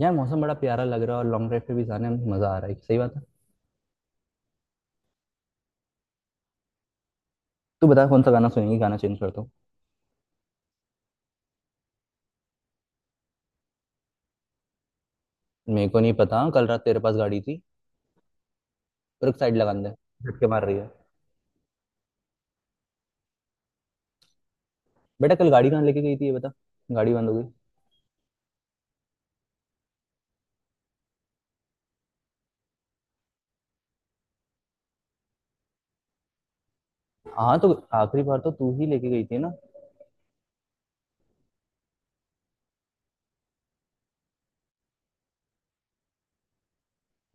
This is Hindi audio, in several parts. यार मौसम बड़ा प्यारा लग रहा है और लॉन्ग ड्राइव पे भी जाने में मजा आ रहा है। सही बात है। तू बता कौन सा गाना सुनेगी, गाना चेंज कर दो। मेरे को नहीं पता, कल रात तेरे पास गाड़ी थी। पर एक साइड लगा दे। झटके मार रही है। बेटा कल गाड़ी कहाँ लेके गई थी ये बता। गाड़ी बंद हो गई। हाँ तो आखिरी बार तो तू ही लेके गई थी ना।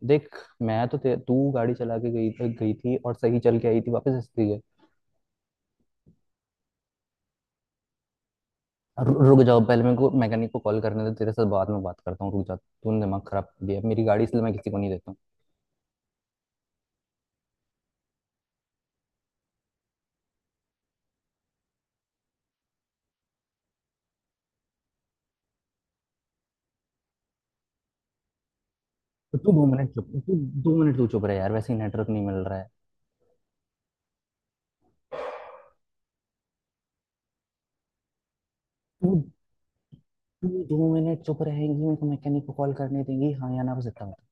देख, मैं तो तू गाड़ी चला के गई गई थी और सही चल के आई थी वापस हंसती है। रुक जाओ, पहले मेरे को मैकेनिक को कॉल करने दे, तेरे साथ बाद में बात करता हूँ। रुक जा, तूने दिमाग खराब कर दिया, मेरी गाड़ी इसलिए मैं किसी को नहीं देता हूँ। तो तू दो मिनट चुप, तू दो मिनट तू चुप रहे यार, वैसे ही नेटवर्क नहीं मिल रहा है। तू दो मिनट चुप रहेंगी, मेरे को मैकेनिक को कॉल करने देंगी, हाँ या ना, बस इतना बता।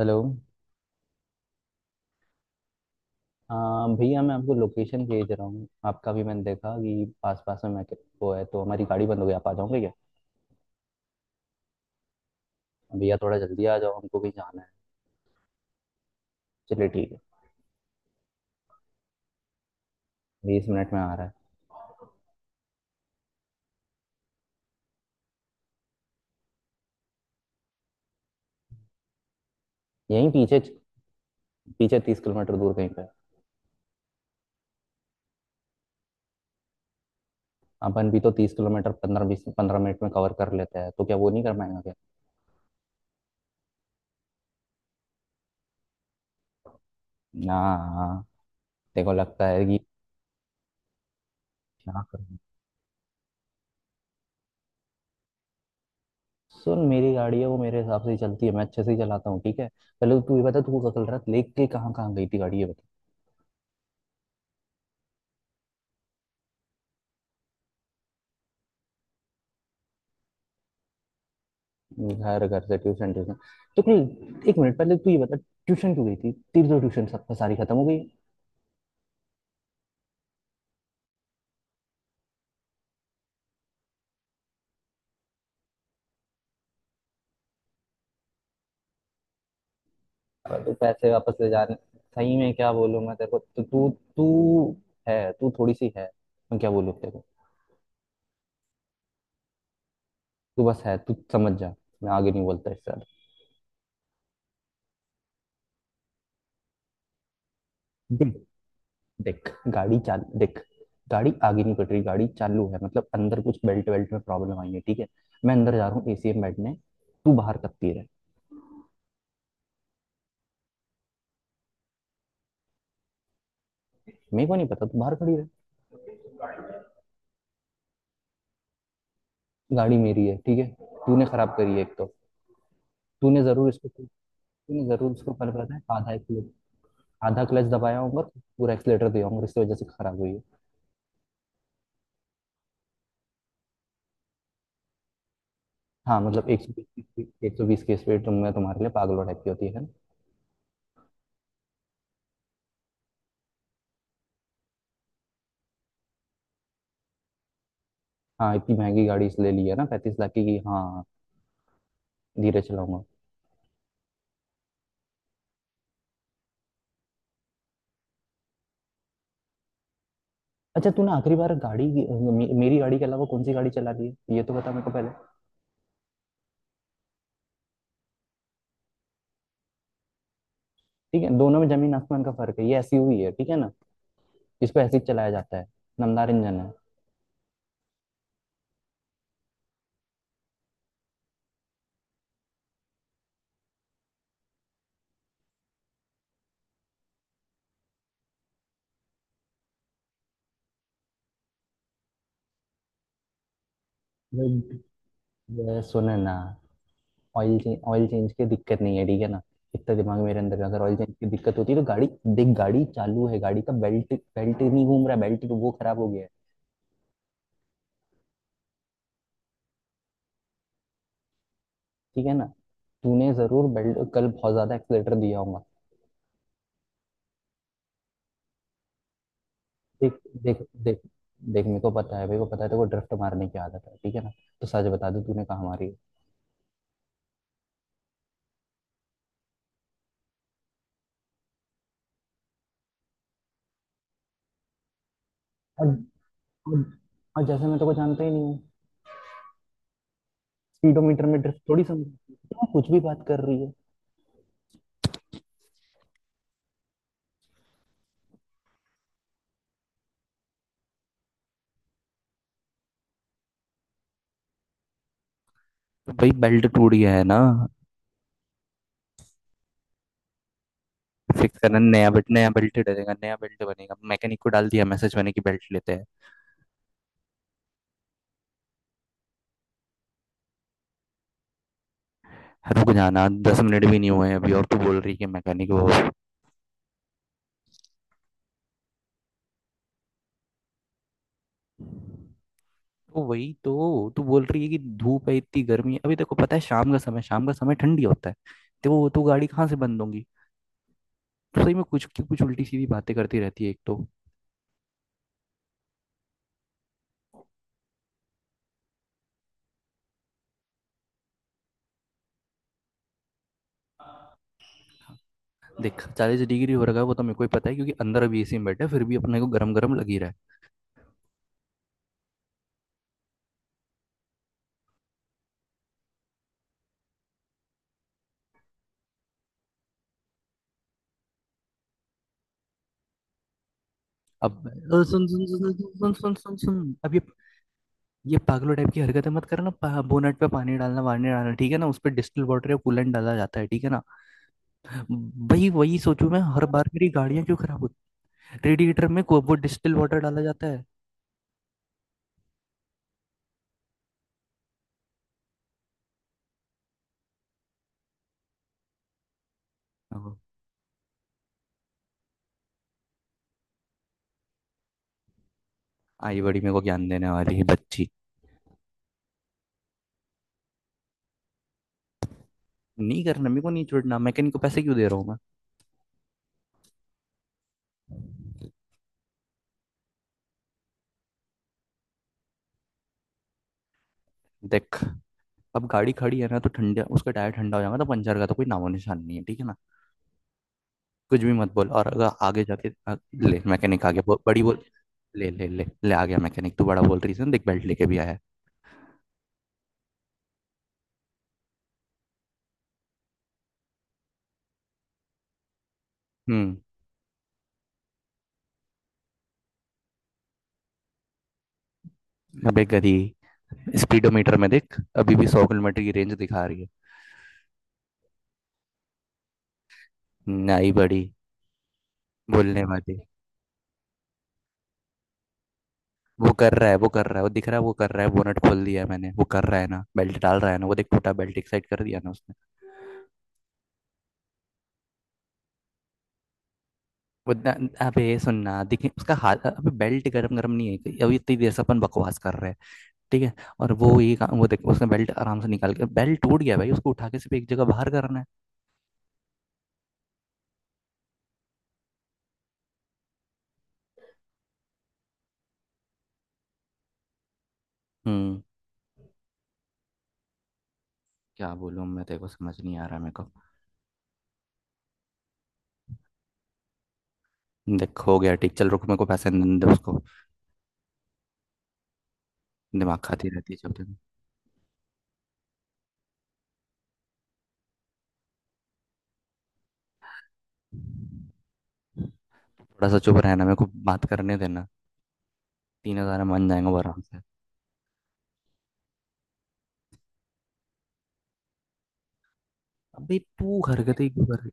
हेलो, हाँ भैया, मैं आपको लोकेशन भेज रहा हूँ, आपका भी मैंने देखा कि आस पास में मैकेनिक वो है, तो हमारी गाड़ी बंद हो गई, आप आ जाओगे क्या? भैया थोड़ा जल्दी आ जाओ, हमको भी जाना है। चलिए ठीक है। 20 मिनट में आ रहा है। यहीं पीछे, पीछे 30 किलोमीटर दूर कहीं पे है। अपन भी तो 30 किलोमीटर 15-20, 15 मिनट में कवर कर लेते हैं, तो क्या वो नहीं कर पाएंगे क्या? ना। देखो लगता है कि क्या करूं। सुन, मेरी गाड़ी है वो, मेरे हिसाब से ही चलती है, मैं अच्छे से ही चलाता हूँ, ठीक है। पहले तो तू ये बता, तू कल रात लेके कहाँ कहाँ गई थी गाड़ी ये बता। घर घर से ट्यूशन ट्यूशन, तो कल एक मिनट पहले तू ये बता, ट्यूशन क्यों गई थी, तेरी तो ट्यूशन सब सारी खत्म हो गई। अब तू पैसे वापस ले जाने, सही में क्या बोलूँ मैं तेरे को, तो तू, तू है, तू थोड़ी सी है, मैं क्या बोलूँ तेरे को। तू बस है तू समझ जा, मैं आगे नहीं बोलता इससे ज्यादा। देख गाड़ी चाल, देख गाड़ी आगे नहीं कट रही, गाड़ी चालू है, मतलब अंदर कुछ बेल्ट वेल्ट में प्रॉब्लम आई है, ठीक है। मैं अंदर जा रहा हूँ एसी में बैठने, तू बाहर कब रहे। मेरे को नहीं पता, तू बाहर खड़ी रहे। गाड़ी मेरी है ठीक है, तूने खराब करी है एक तो। तूने जरूर इसको, तूने जरूर इसको, पर पता है आधा एक्सीटर, आधा क्लच दबाया होगा, पूरा एक्सीटर दिया होगा, इस वजह से खराब हुई है। हाँ मतलब 120, 120 की स्पीड तो मैं तुम्हारे लिए पागलों टाइप की होती है ना। हाँ इतनी महंगी गाड़ी इसलिए ली है ना 35 लाख की, कि हाँ धीरे चलाऊंगा। अच्छा, तूने आखिरी बार गाड़ी मेरी गाड़ी के अलावा कौन सी गाड़ी चला दी है ये तो बता मेरे को पहले। ठीक है, दोनों में जमीन आसमान का फर्क है, ये एसयूवी है ठीक है ना, इसको ऐसे ही चलाया जाता है, नमदार इंजन है। भाई, ये सुने ना, ऑयल चेंज की दिक्कत नहीं है ठीक है ना। इतना दिमाग मेरे अंदर है। अगर ऑयल चेंज की दिक्कत होती है तो गाड़ी देख, गाड़ी चालू है, गाड़ी का बेल्ट, बेल्ट नहीं घूम रहा है, बेल्ट वो खराब हो गया है, ठीक है ना। तूने जरूर बेल्ट कल बहुत ज्यादा एक्सलेटर दिया होगा। देख देख देख देख, मेरे को पता है, मेरे को पता है तेरे को ड्रिफ्ट मारने की आदत है ठीक है ना, तो सच बता दे तूने कहाँ मारी है। और और, और जैसे मैं तेरे को जानता ही नहीं हूँ। स्पीडोमीटर में ड्रिफ्ट थोड़ी समझ, तू कुछ भी बात कर रही है। तो भाई बेल्ट टूट गया है ना, फिक्स करना, नया बेल्ट डलेगा, नया बेल्ट बनेगा, मैकेनिक को डाल दिया मैसेज मैंने कि बेल्ट लेते हैं। रुक जाना, 10 मिनट भी नहीं हुए हैं अभी और तू बोल रही है मैकेनिक। वो तो वही तो तू बोल रही है कि धूप है इतनी गर्मी है, अभी देखो पता है शाम का समय, शाम का समय ठंडी होता है, तो वो तो गाड़ी कहाँ से बंद होंगी। तो सही में कुछ कुछ उल्टी सीधी बातें करती रहती है एक तो। देख 40 डिग्री हो रखा है, वो तो मेरे को ही पता है क्योंकि अंदर अभी एसी में बैठे हैं, फिर भी अपने को गरम गरम लग ही रहा है। अब सुन सुन सुन सुन, सुन सुन सुन सुन, अब ये पागलों टाइप की हरकतें मत करना बोनट पे पानी डालना वानी डालना, ठीक है ना, उस पर डिस्टिल वाटर या कूलेंट डाला जाता है ठीक है ना। वही वही सोचूं मैं हर बार मेरी गाड़ियां क्यों खराब होती। रेडिएटर में वो डिस्टिल वाटर डाला जाता है। अब आई बड़ी मेरे को ज्ञान देने वाली है बच्ची। नहीं करना मेरे को, नहीं छोड़ना, मैकेनिक को पैसे क्यों दे रहा हूँ मैं। देख, अब गाड़ी खड़ी है ना, तो ठंडा उसका टायर ठंडा हो जाएगा, तो पंचर का तो कोई नामो निशान नहीं है ठीक है ना। कुछ भी मत बोल, और अगर आगे जाके ले मैकेनिक आ गया, बड़ी बोल। ले ले ले ले, आ गया मैकेनिक, तू बड़ा बोल रीजन, देख बेल्ट लेके भी आया है। हम्म। अबे गधी, स्पीडोमीटर में देख, अभी भी 100 किलोमीटर की रेंज दिखा रही है। नाई बड़ी बोलने वाली। वो कर रहा है वो कर रहा है, वो दिख रहा है वो कर रहा है, बोनट खोल दिया है मैंने, वो कर रहा है ना, बेल्ट डाल रहा है ना वो, देख टूटा बेल्ट एक साइड कर दिया ना उसने। वो ना- अबे सुनना देखिए उसका हाथ, अबे बेल्ट गरम गरम नहीं है कि, अभी इतनी देर से अपन बकवास कर रहे हैं ठीक है। और वो ये काम वो देख, उसने बेल्ट आराम से निकाल के, बेल्ट टूट गया भाई, उसको उठा के सिर्फ एक जगह बाहर करना है। हम्म। क्या बोलूँ मैं तेरे को, समझ नहीं आ रहा मेरे को। देख हो गया ठीक, चल रुक, मेरे को पैसे नहीं दे उसको, दिमाग खाती रहती है जब तक। थोड़ा सा चुप रहना, मेरे को बात करने देना, 3,000 में मान जाएंगे वो आराम से। अबे तू हरकतें क्यों कर।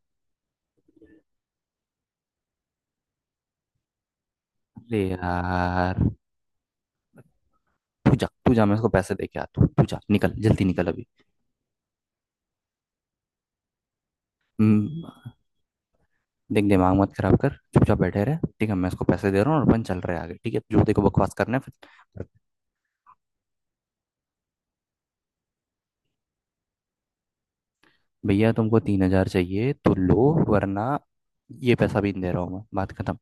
अरे यार तू जा, तू जा, मैं उसको पैसे दे के आता हूँ, तू जा निकल जल्दी निकल अभी। हम्म। देख दिमाग मत खराब कर, चुपचाप बैठे रहे ठीक है, मैं उसको पैसे दे रहा हूँ और अपन चल रहे हैं आगे, ठीक है, जो देखो बकवास करना है फिर। भैया तुमको 3,000 चाहिए तो लो, वरना ये पैसा भी नहीं दे रहा हूँ मैं, बात खत्म।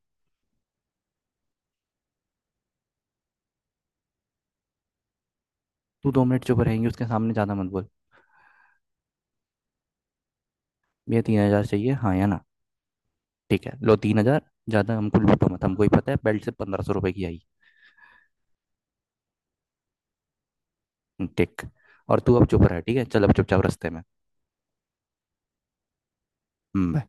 तू दो मिनट चुप रहेंगी, उसके सामने ज़्यादा मत बोल। भैया 3,000 चाहिए, हाँ या ना। ठीक है लो 3,000। ज़्यादा हमको लूटो मत, हमको ही पता है बेल्ट से 1500 रुपए की आई। ठीक। और तू अब चुप रह, ठीक है, चल अब चुपचाप रास्ते में। हम्म।